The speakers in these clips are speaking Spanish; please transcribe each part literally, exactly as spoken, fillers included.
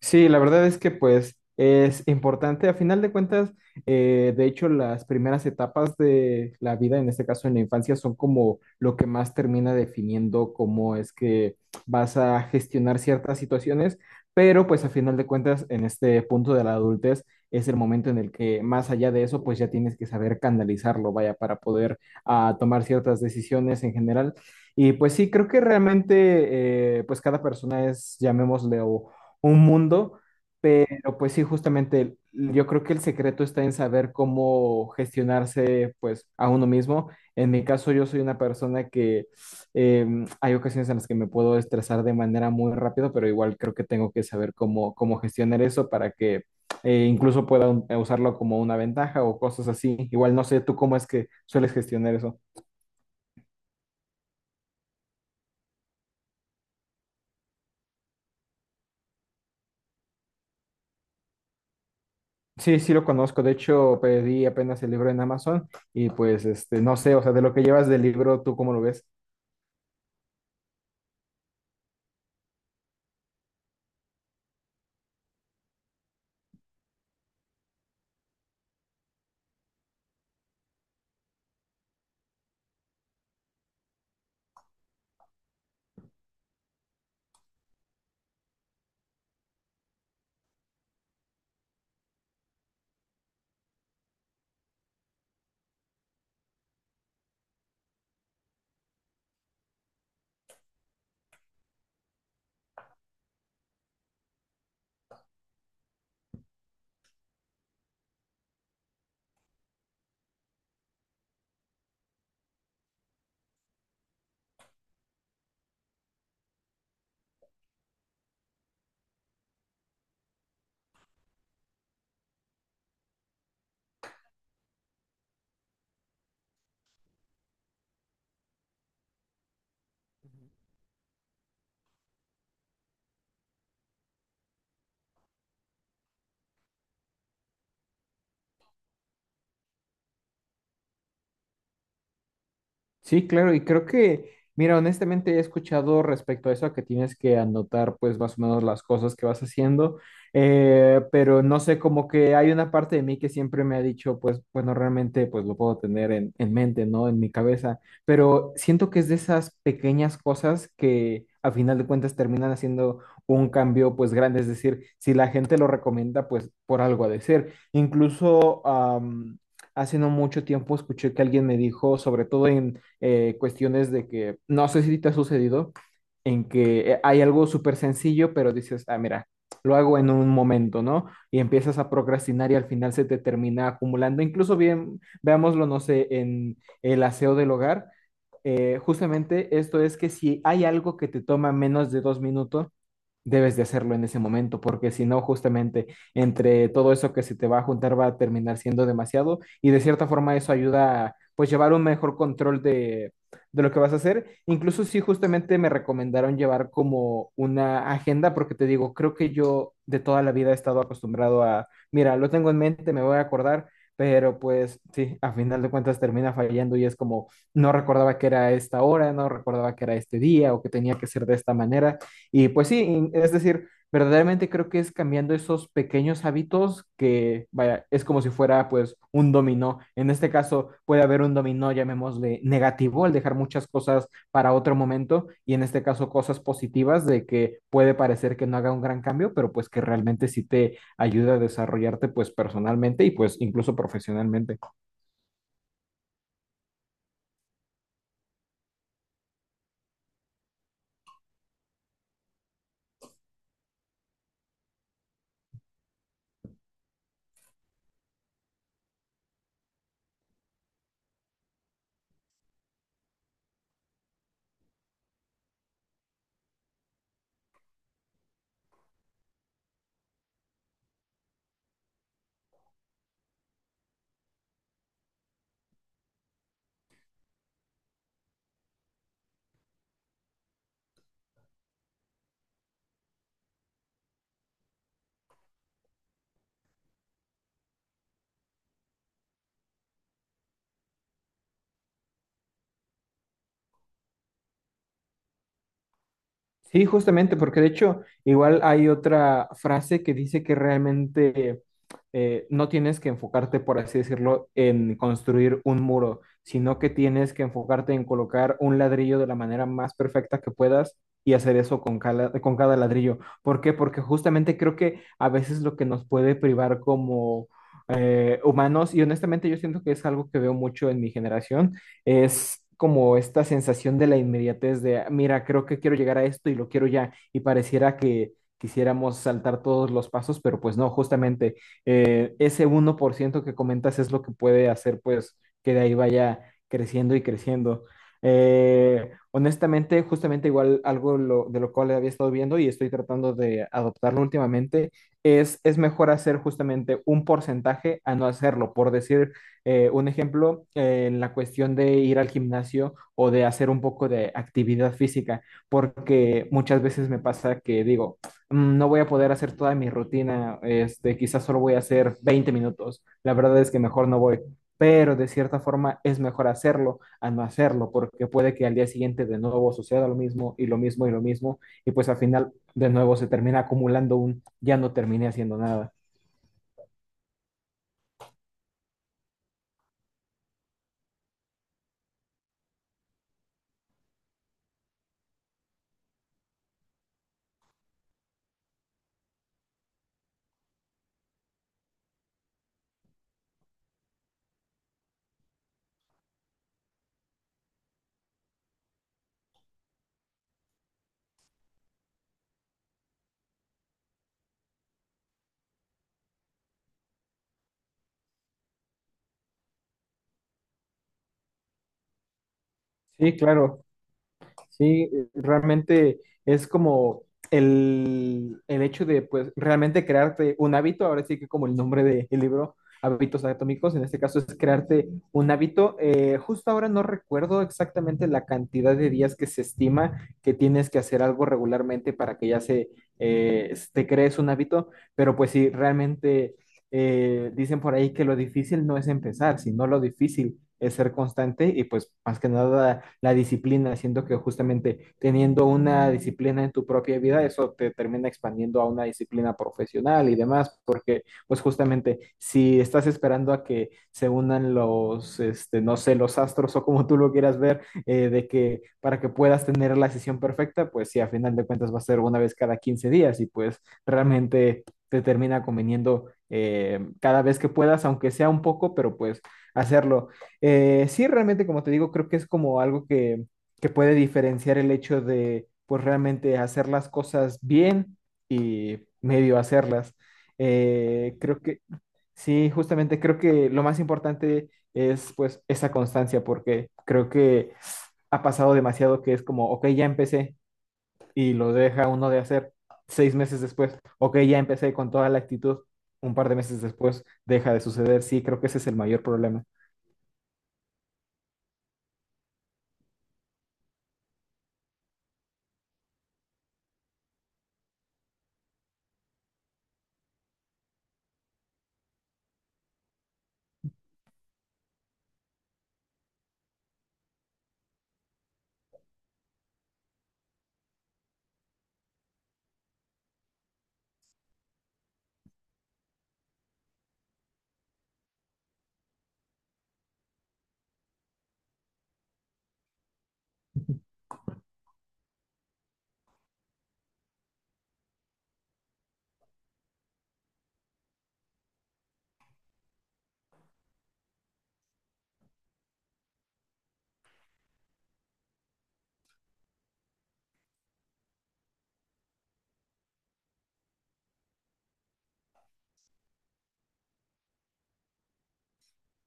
Sí, la verdad es que pues es importante. A final de cuentas, eh, de hecho, las primeras etapas de la vida, en este caso en la infancia, son como lo que más termina definiendo cómo es que vas a gestionar ciertas situaciones, pero pues a final de cuentas, en este punto de la adultez, es el momento en el que más allá de eso, pues ya tienes que saber canalizarlo, vaya, para poder ah, tomar ciertas decisiones en general. Y pues sí, creo que realmente, eh, pues cada persona es, llamémosle, un mundo, pero pues sí, justamente yo creo que el secreto está en saber cómo gestionarse pues a uno mismo. En mi caso, yo soy una persona que em, hay ocasiones en las que me puedo estresar de manera muy rápido, pero igual creo que tengo que saber cómo, cómo gestionar eso para que eh, incluso pueda un- eh, usarlo como una ventaja o cosas así. Igual no sé tú cómo es que sueles gestionar eso. Sí, sí lo conozco. De hecho, pedí apenas el libro en Amazon. Y pues, este, no sé, o sea, de lo que llevas del libro, ¿tú cómo lo ves? Sí, claro, y creo que, mira, honestamente he escuchado respecto a eso, a que tienes que anotar pues más o menos las cosas que vas haciendo, eh, pero no sé, como que hay una parte de mí que siempre me ha dicho, pues bueno, realmente pues lo puedo tener en, en mente, ¿no? En mi cabeza, pero siento que es de esas pequeñas cosas que a final de cuentas terminan haciendo un cambio pues grande, es decir, si la gente lo recomienda, pues por algo ha de ser. Incluso... am, Hace no mucho tiempo escuché que alguien me dijo, sobre todo en, eh, cuestiones de que, no sé si te ha sucedido, en que eh, hay algo súper sencillo, pero dices, ah, mira, lo hago en un momento, ¿no? Y empiezas a procrastinar y al final se te termina acumulando. Incluso bien, veámoslo, no sé, en el aseo del hogar. Eh, justamente esto es que si hay algo que te toma menos de dos minutos, debes de hacerlo en ese momento, porque si no, justamente entre todo eso que se te va a juntar va a terminar siendo demasiado y de cierta forma eso ayuda a pues llevar un mejor control de, de lo que vas a hacer. Incluso si justamente me recomendaron llevar como una agenda, porque te digo, creo que yo de toda la vida he estado acostumbrado a, mira, lo tengo en mente, me voy a acordar. Pero pues sí, a final de cuentas termina fallando y es como, no recordaba que era esta hora, no recordaba que era este día o que tenía que ser de esta manera. Y pues sí, es decir, verdaderamente creo que es cambiando esos pequeños hábitos que, vaya, es como si fuera pues un dominó. En este caso puede haber un dominó, llamémosle negativo, al dejar muchas cosas para otro momento y en este caso cosas positivas de que puede parecer que no haga un gran cambio, pero pues que realmente sí te ayuda a desarrollarte pues personalmente y pues incluso profesionalmente. Sí, justamente, porque de hecho igual hay otra frase que dice que realmente eh, no tienes que enfocarte, por así decirlo, en construir un muro, sino que tienes que enfocarte en colocar un ladrillo de la manera más perfecta que puedas y hacer eso con cada, con cada ladrillo. ¿Por qué? Porque justamente creo que a veces lo que nos puede privar como eh, humanos, y honestamente yo siento que es algo que veo mucho en mi generación, es como esta sensación de la inmediatez de, "Ah, mira, creo que quiero llegar a esto y lo quiero ya, y pareciera que quisiéramos saltar todos los pasos, pero pues no, justamente eh, ese uno por ciento que comentas es lo que puede hacer pues que de ahí vaya creciendo y creciendo. Eh, honestamente, justamente igual algo lo- de lo cual había estado viendo y estoy tratando de adoptarlo últimamente, es, es mejor hacer justamente un porcentaje a no hacerlo, por decir eh, un ejemplo, eh, en la cuestión de ir al gimnasio o de hacer un poco de actividad física, porque muchas veces me pasa que digo, "Mm, no voy a poder hacer toda mi rutina, este, quizás solo voy a hacer veinte minutos, la verdad es que mejor no voy, pero de cierta forma es mejor hacerlo a no hacerlo, porque puede que al día siguiente de nuevo suceda lo mismo y lo mismo y lo mismo, y pues al final de nuevo se termina acumulando un ya no terminé haciendo nada. Sí, claro. Sí, realmente es como el, el hecho de, pues, realmente crearte un hábito, ahora sí que como el nombre del libro, Hábitos Atómicos, en este caso es crearte un hábito. Eh, justo ahora no recuerdo exactamente la cantidad de días que se estima que tienes que hacer algo regularmente para que ya se, eh, te crees un hábito, pero pues sí, realmente eh, dicen por ahí que lo difícil no es empezar, sino lo difícil es ser constante y pues más que nada la disciplina, siento que justamente teniendo una disciplina en tu propia vida, eso te termina expandiendo a una disciplina profesional y demás, porque pues justamente si estás esperando a que se unan los, este, no sé, los astros o como tú lo quieras ver, eh, de que para que puedas tener la sesión perfecta, pues sí, a final de cuentas va a ser una vez cada quince días y pues realmente te termina conveniendo eh, cada vez que puedas, aunque sea un poco, pero pues hacerlo. Eh, sí, realmente, como te digo, creo que es como algo que, que puede diferenciar el hecho de, pues, realmente hacer las cosas bien y medio hacerlas. Eh, creo que, sí, justamente creo que lo más importante es, pues, esa constancia, porque creo que ha pasado demasiado que es como, ok, ya empecé y lo deja uno de hacer seis meses después, ok, ya empecé con toda la actitud, un par de meses después deja de suceder. Sí, creo que ese es el mayor problema.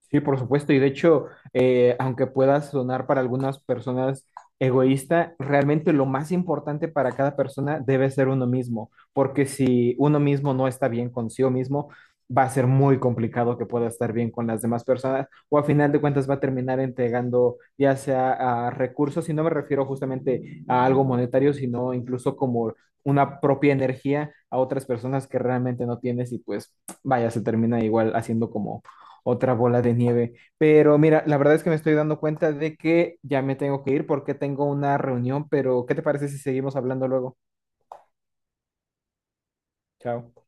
Sí, por supuesto. Y de hecho, eh, aunque pueda sonar para algunas personas egoísta, realmente lo más importante para cada persona debe ser uno mismo, porque si uno mismo no está bien consigo mismo, va a ser muy complicado que pueda estar bien con las demás personas o a final de cuentas va a terminar entregando ya sea a recursos, y no me refiero justamente a algo monetario, sino incluso como una propia energía a otras personas que realmente no tienes y pues vaya, se termina igual haciendo otra bola de nieve. Pero mira, la verdad es que me estoy dando cuenta de que ya me tengo que ir porque tengo una reunión, pero ¿qué te parece si seguimos hablando luego? Chao.